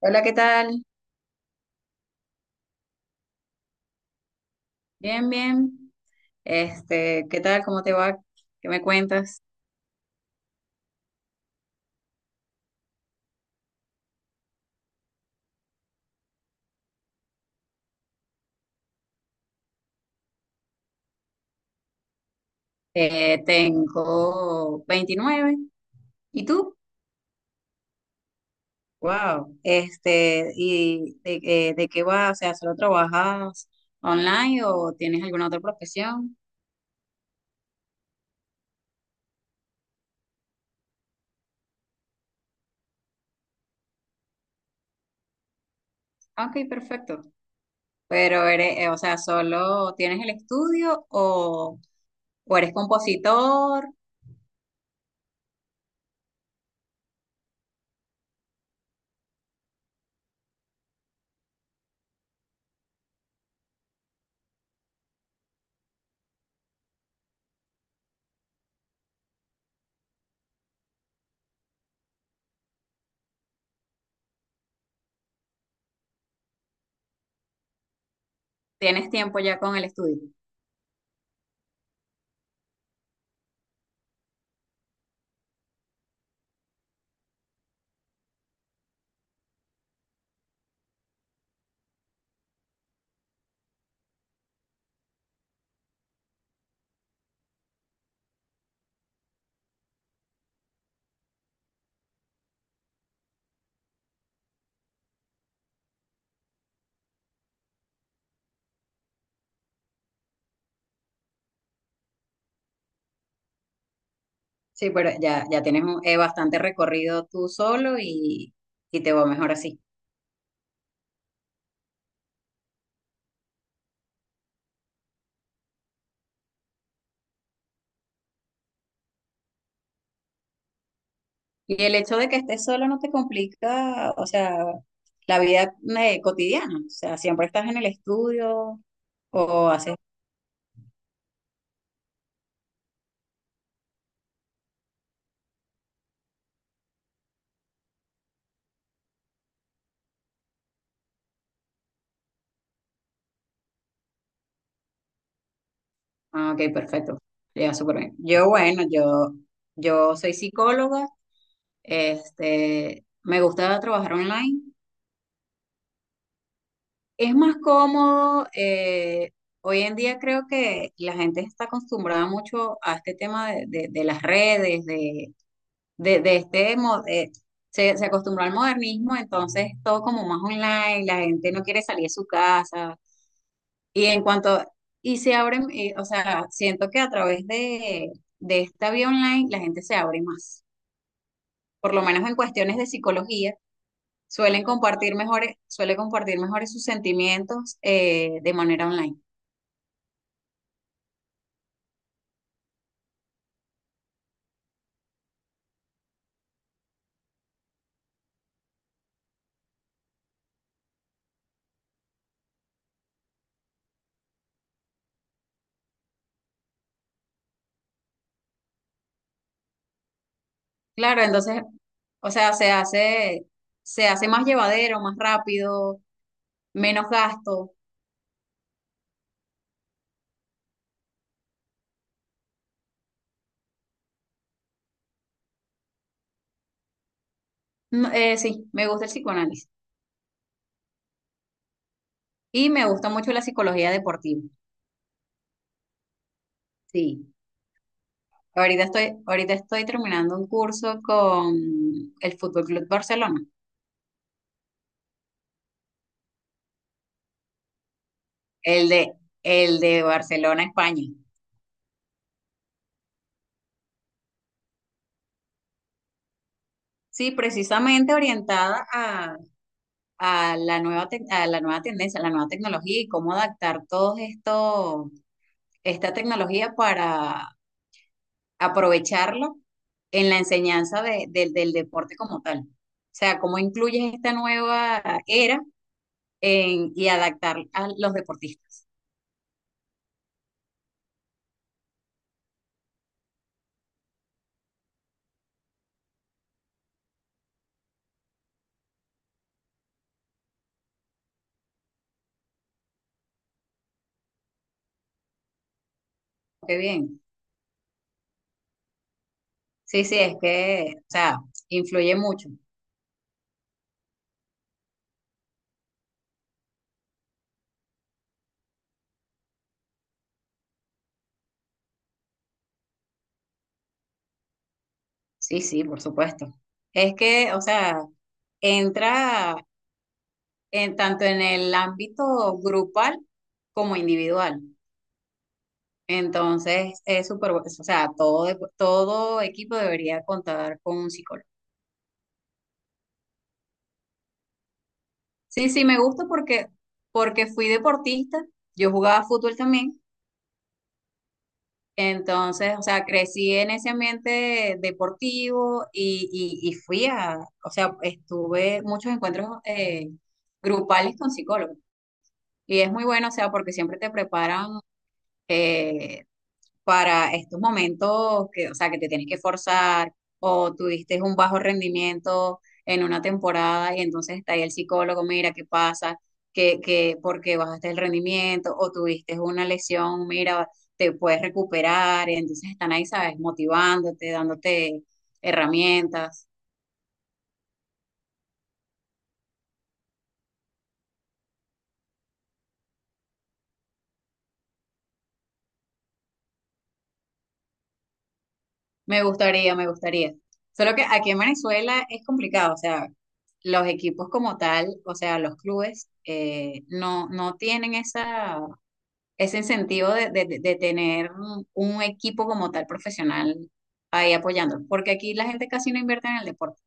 Hola, ¿qué tal? Bien, bien. ¿Qué tal? ¿Cómo te va? ¿Qué me cuentas? Tengo 29. ¿Y tú? Wow. ¿Y de qué vas? O sea, ¿solo trabajas online o tienes alguna otra profesión? Ah, Ok, perfecto. Pero eres, o sea, ¿solo tienes el estudio o eres compositor? ¿Tienes tiempo ya con el estudio? Sí, pero ya tienes bastante recorrido tú solo y te va mejor así. Y el hecho de que estés solo no te complica, o sea, la vida cotidiana. O sea, siempre estás en el estudio o haces... Ah, ok, perfecto. Ya, súper bien. Yo soy psicóloga. Me gusta trabajar online. Es más cómodo. Hoy en día creo que la gente está acostumbrada mucho a este tema de de las redes, de, de este, mo- eh, se acostumbró al modernismo, entonces todo como más online, la gente no quiere salir de su casa. Y en cuanto, y se abren, o sea, siento que a través de esta vía online la gente se abre más, por lo menos en cuestiones de psicología, suele compartir mejores sus sentimientos de manera online. Claro, entonces, o sea, se hace más llevadero, más rápido, menos gasto. No, sí, me gusta el psicoanálisis. Y me gusta mucho la psicología deportiva. Sí. Ahorita estoy terminando un curso con el Fútbol Club Barcelona, el de, el de Barcelona, España. Sí, precisamente orientada a la a la nueva tendencia, a la nueva tecnología y cómo adaptar todo esto, esta tecnología para aprovecharla en la enseñanza del deporte como tal. O sea, cómo incluyes esta nueva era en- y adaptar a los deportistas. Qué bien. Sí, sí, es que, o sea, influye mucho. Sí, sí, por supuesto. Es que, o sea, entra en tanto en el ámbito grupal como individual. Entonces, es súper, o sea, todo equipo debería contar con un psicólogo. Sí, sí, me gusta porque, porque fui deportista, yo jugaba fútbol también. Entonces, o sea, crecí en ese ambiente deportivo y, y fui a, o sea, estuve muchos encuentros grupales con psicólogos. Y es muy bueno, o sea, porque siempre te preparan eh, para estos momentos que, o sea, que te tienes que forzar o tuviste un bajo rendimiento en una temporada y entonces está ahí el psicólogo, mira qué pasa, que porque bajaste el rendimiento o tuviste una lesión, mira, te puedes recuperar, y entonces están ahí, sabes, motivándote, dándote herramientas. Me gustaría, me gustaría. Solo que aquí en Venezuela es complicado, o sea, los equipos como tal, o sea, los clubes, no, no tienen esa, ese incentivo de tener un equipo como tal profesional ahí apoyando, porque aquí la gente casi no invierte en el deporte.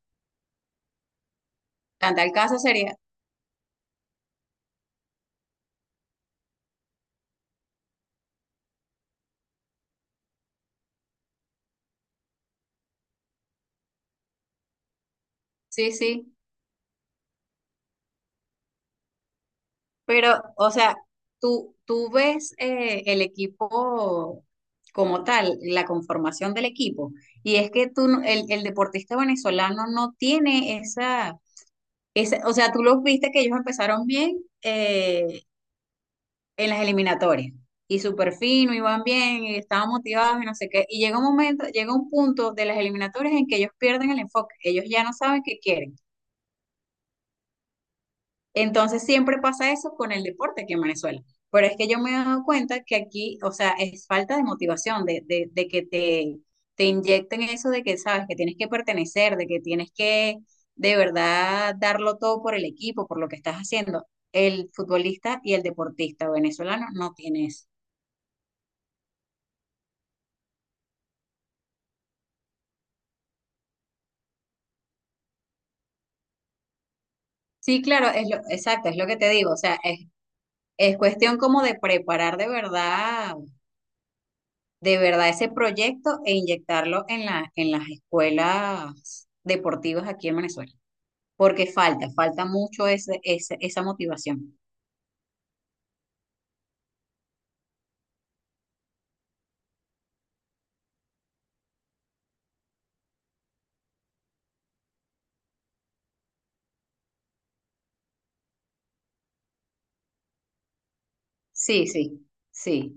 Tan tal caso sería, sí, sí, pero, o sea, tú ves el equipo como tal, la conformación del equipo, y es que tú, el deportista venezolano no tiene esa, esa, o sea, tú los viste que ellos empezaron bien, en las eliminatorias. Y súper fino, iban bien, y estaban motivados y no sé qué. Y llega un momento, llega un punto de las eliminatorias en que ellos pierden el enfoque, ellos ya no saben qué quieren. Entonces siempre pasa eso con el deporte aquí en Venezuela. Pero es que yo me he dado cuenta que aquí, o sea, es falta de motivación, de que te inyecten eso de que sabes que tienes que pertenecer, de que tienes que de verdad darlo todo por el equipo, por lo que estás haciendo. El futbolista y el deportista venezolano no tiene eso. Sí, claro, exacto, es lo que te digo, o sea, es cuestión como de preparar de verdad ese proyecto e inyectarlo en en las escuelas deportivas aquí en Venezuela, porque falta mucho esa motivación. Sí, sí, sí,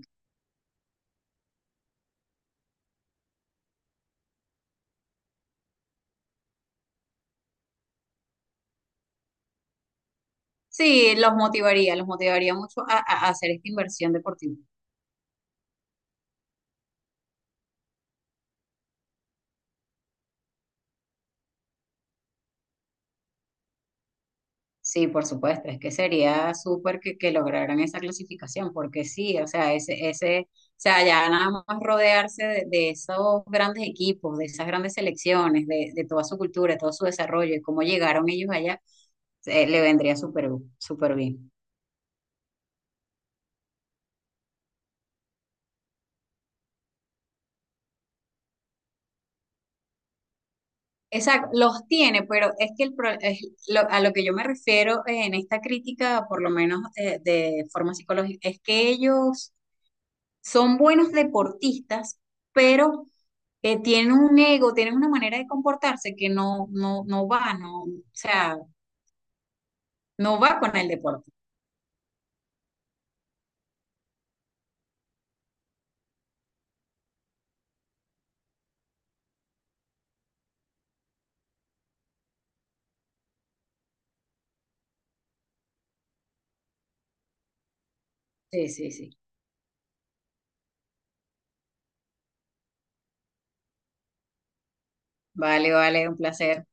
sí, los motivaría mucho a a hacer esta inversión deportiva. Sí, por supuesto, es que sería súper que lograran esa clasificación, porque sí, o sea, o sea, ya nada más rodearse de esos grandes equipos, de esas grandes selecciones, de toda su cultura, de todo su desarrollo y cómo llegaron ellos allá, le vendría súper, súper bien. Exacto, los tiene, pero es que el, es a lo que yo me refiero en esta crítica, por lo menos de forma psicológica, es que ellos son buenos deportistas, pero tienen un ego, tienen una manera de comportarse que no, no, no va, no, o sea, no va con el deporte. Sí, sí, sí. Vale, vale, un placer.